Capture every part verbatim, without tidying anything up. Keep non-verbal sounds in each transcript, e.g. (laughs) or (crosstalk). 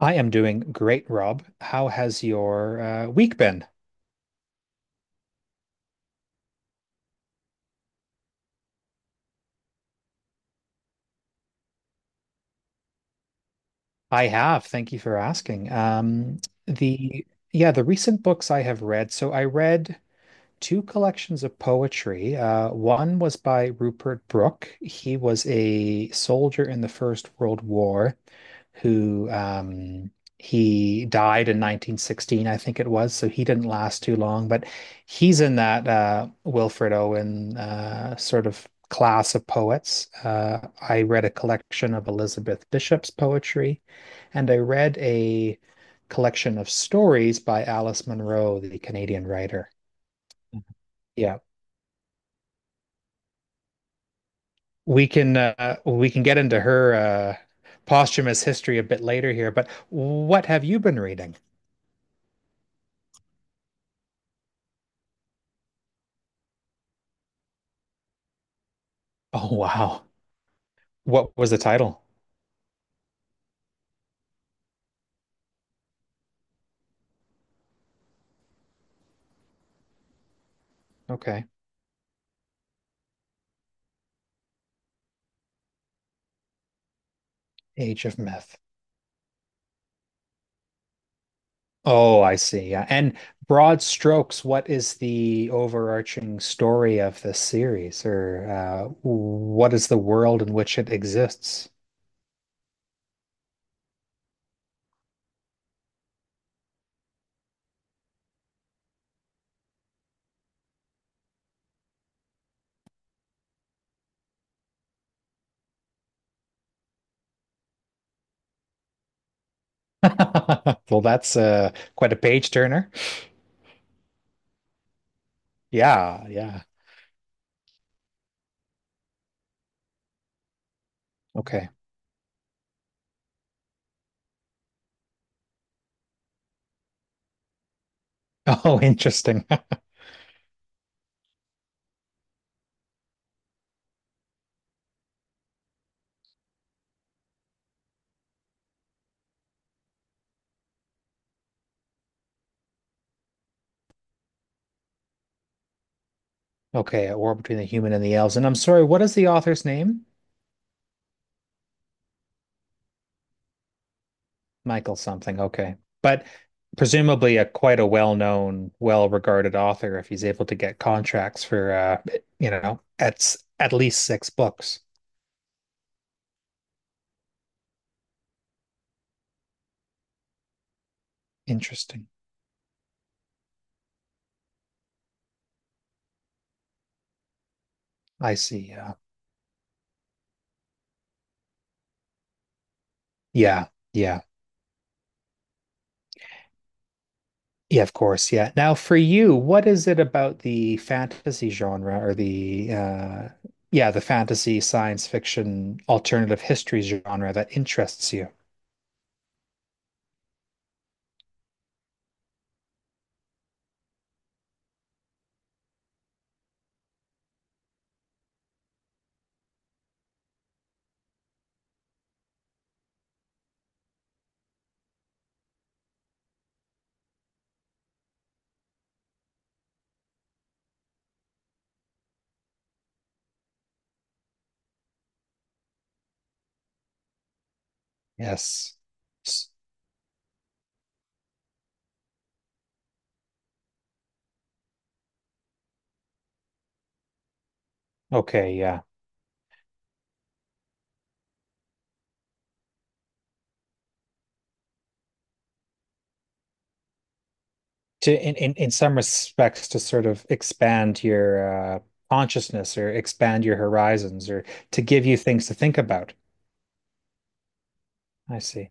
I am doing great, Rob. How has your uh, week been? I have. Thank you for asking. Um, the Yeah, the recent books I have read. So I read two collections of poetry. Uh, one was by Rupert Brooke. He was a soldier in the First World War, who um, he died in nineteen sixteen, I think it was. So he didn't last too long, but he's in that uh, Wilfred Owen uh, sort of class of poets. Uh, I read a collection of Elizabeth Bishop's poetry, and I read a collection of stories by Alice Munro, the Canadian writer. Mm-hmm. Yeah, we can uh, we can get into her uh, posthumous history a bit later here, but what have you been reading? Oh, wow. What was the title? Okay. Age of Myth. Oh, I see. Yeah. And broad strokes, what is the overarching story of this series, or uh, what is the world in which it exists? (laughs) Well, that's uh, quite a page turner. Yeah, yeah. Okay. Oh, interesting. (laughs) Okay, a war between the human and the elves. And I'm sorry, what is the author's name? Michael something. Okay. But presumably a quite a well-known, well-regarded author if he's able to get contracts for uh you know, at at least six books. Interesting. I see. Yeah. Yeah. Yeah. Yeah, of course. Yeah. Now for you, what is it about the fantasy genre or the uh yeah, the fantasy, science fiction, alternative history genre that interests you? Yes. S- Okay, yeah. To in, in in some respects to sort of expand your uh, consciousness or expand your horizons or to give you things to think about. I see.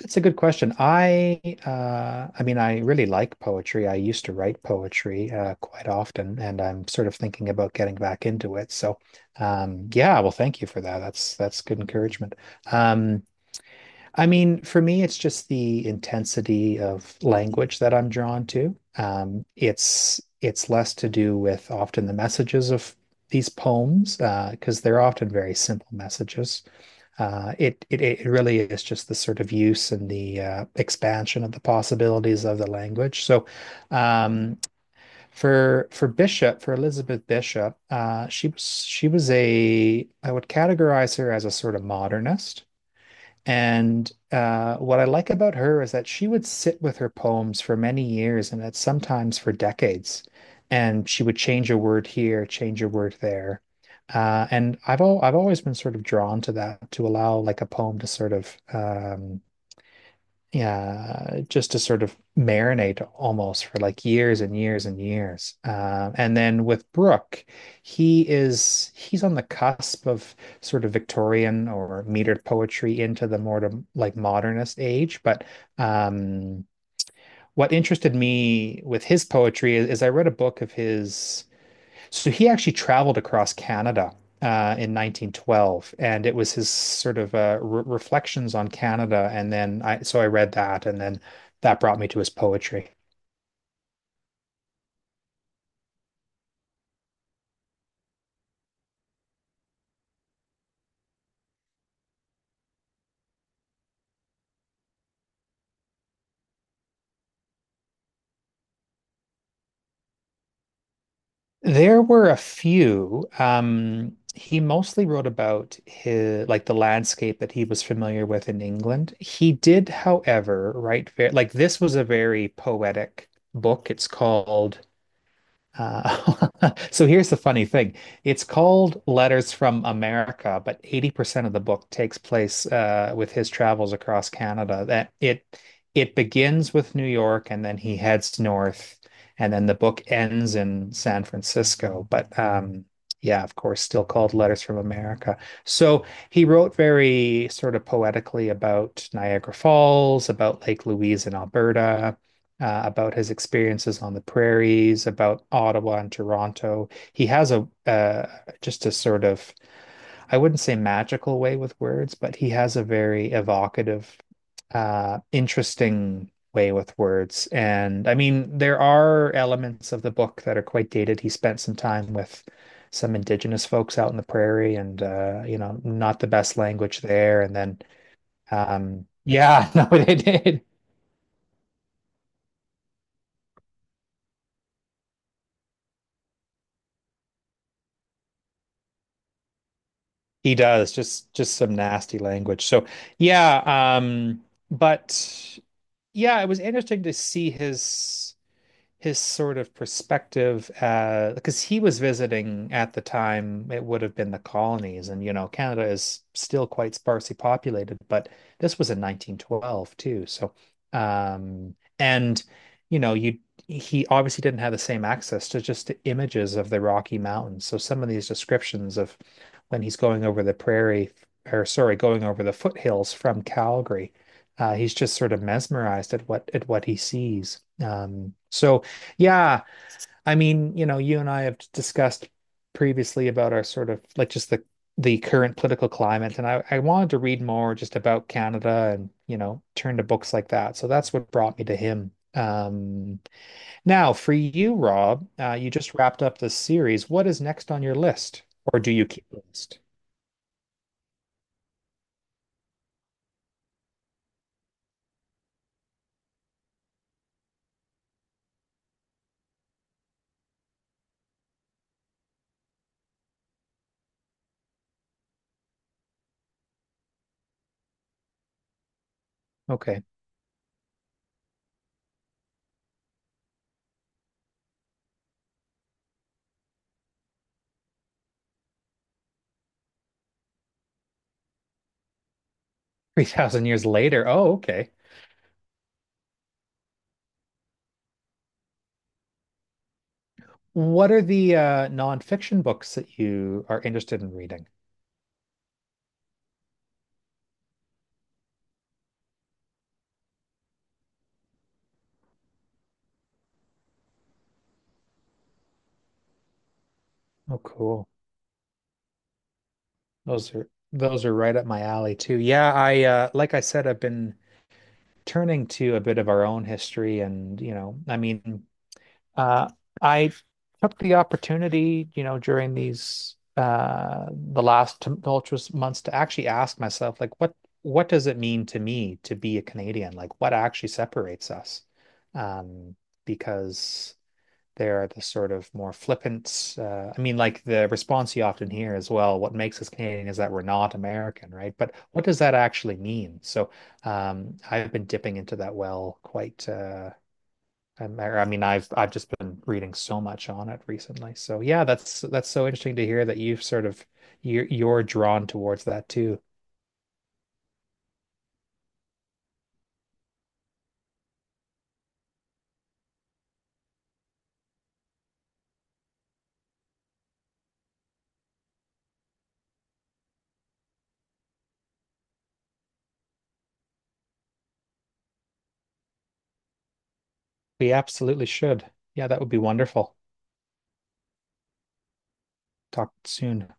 That's a good question. I uh, I mean, I really like poetry. I used to write poetry uh, quite often, and I'm sort of thinking about getting back into it. So, um, yeah, well, thank you for that. That's that's good encouragement. Um, I mean, for me, it's just the intensity of language that I'm drawn to. Um, it's it's less to do with often the messages of these poems, uh, because they're often very simple messages. Uh, it, it it really is just the sort of use and the uh, expansion of the possibilities of the language. So, um, for for Bishop, for Elizabeth Bishop, uh, she was she was a I would categorize her as a sort of modernist. And uh, what I like about her is that she would sit with her poems for many years and that sometimes for decades. And she would change a word here, change a word there. Uh, and I've al I've always been sort of drawn to that, to allow like a poem to sort of um, yeah, uh, just to sort of marinate almost for like years and years and years. Um, and then with Brooke, he is he's on the cusp of sort of Victorian or metered poetry into the more to, like modernist age. But um, what interested me with his poetry is, is I read a book of his, so he actually traveled across Canada uh, in nineteen twelve, and it was his sort of uh, re reflections on Canada. And then I, so I read that, and then that brought me to his poetry. There were a few. Um, he mostly wrote about his like the landscape that he was familiar with in England. He did, however, write like this was a very poetic book. It's called, Uh, (laughs) so here's the funny thing. It's called Letters from America, but eighty percent of the book takes place uh, with his travels across Canada. That it it begins with New York and then he heads north and then the book ends in San Francisco. But um, yeah, of course, still called Letters from America. So he wrote very sort of poetically about Niagara Falls, about Lake Louise in Alberta, uh, about his experiences on the prairies, about Ottawa and Toronto. He has a uh, just a sort of, I wouldn't say magical way with words, but he has a very evocative, uh, interesting way with words. And I mean, there are elements of the book that are quite dated. He spent some time with some indigenous folks out in the prairie and uh, you know, not the best language there. And then um yeah, (laughs) no, it, it He does, just just some nasty language. So yeah, um, but yeah, it was interesting to see his his sort of perspective, uh, because he was visiting at the time, it would have been the colonies, and you know, Canada is still quite sparsely populated, but this was in nineteen twelve too. So, um, and you know, you he obviously didn't have the same access to just the images of the Rocky Mountains. So some of these descriptions of when he's going over the prairie, or sorry, going over the foothills from Calgary. Uh, he's just sort of mesmerized at what at what he sees. Um, so yeah, I mean, you know, you and I have discussed previously about our sort of like just the the current political climate, and I, I wanted to read more just about Canada and, you know, turn to books like that. So that's what brought me to him. Um, now for you, Rob, uh, you just wrapped up this series. What is next on your list? Or do you keep a list? Okay. (laughs) three thousand years later. Oh, okay. What are the uh, nonfiction books that you are interested in reading? Oh, cool. Those are those are right up my alley too. Yeah, I uh like I said, I've been turning to a bit of our own history and, you know, I mean, uh I took the opportunity, you know, during these uh the last tumultuous months to actually ask myself like what what does it mean to me to be a Canadian? Like what actually separates us? Um because they are the sort of more flippant. Uh, I mean, like the response you often hear as well, what makes us Canadian is that we're not American, right? But what does that actually mean? So um, I've been dipping into that well quite. Uh, i I mean, I've I've just been reading so much on it recently. So yeah, that's that's so interesting to hear that you've sort of you're you're drawn towards that too. We absolutely should. Yeah, that would be wonderful. Talk soon.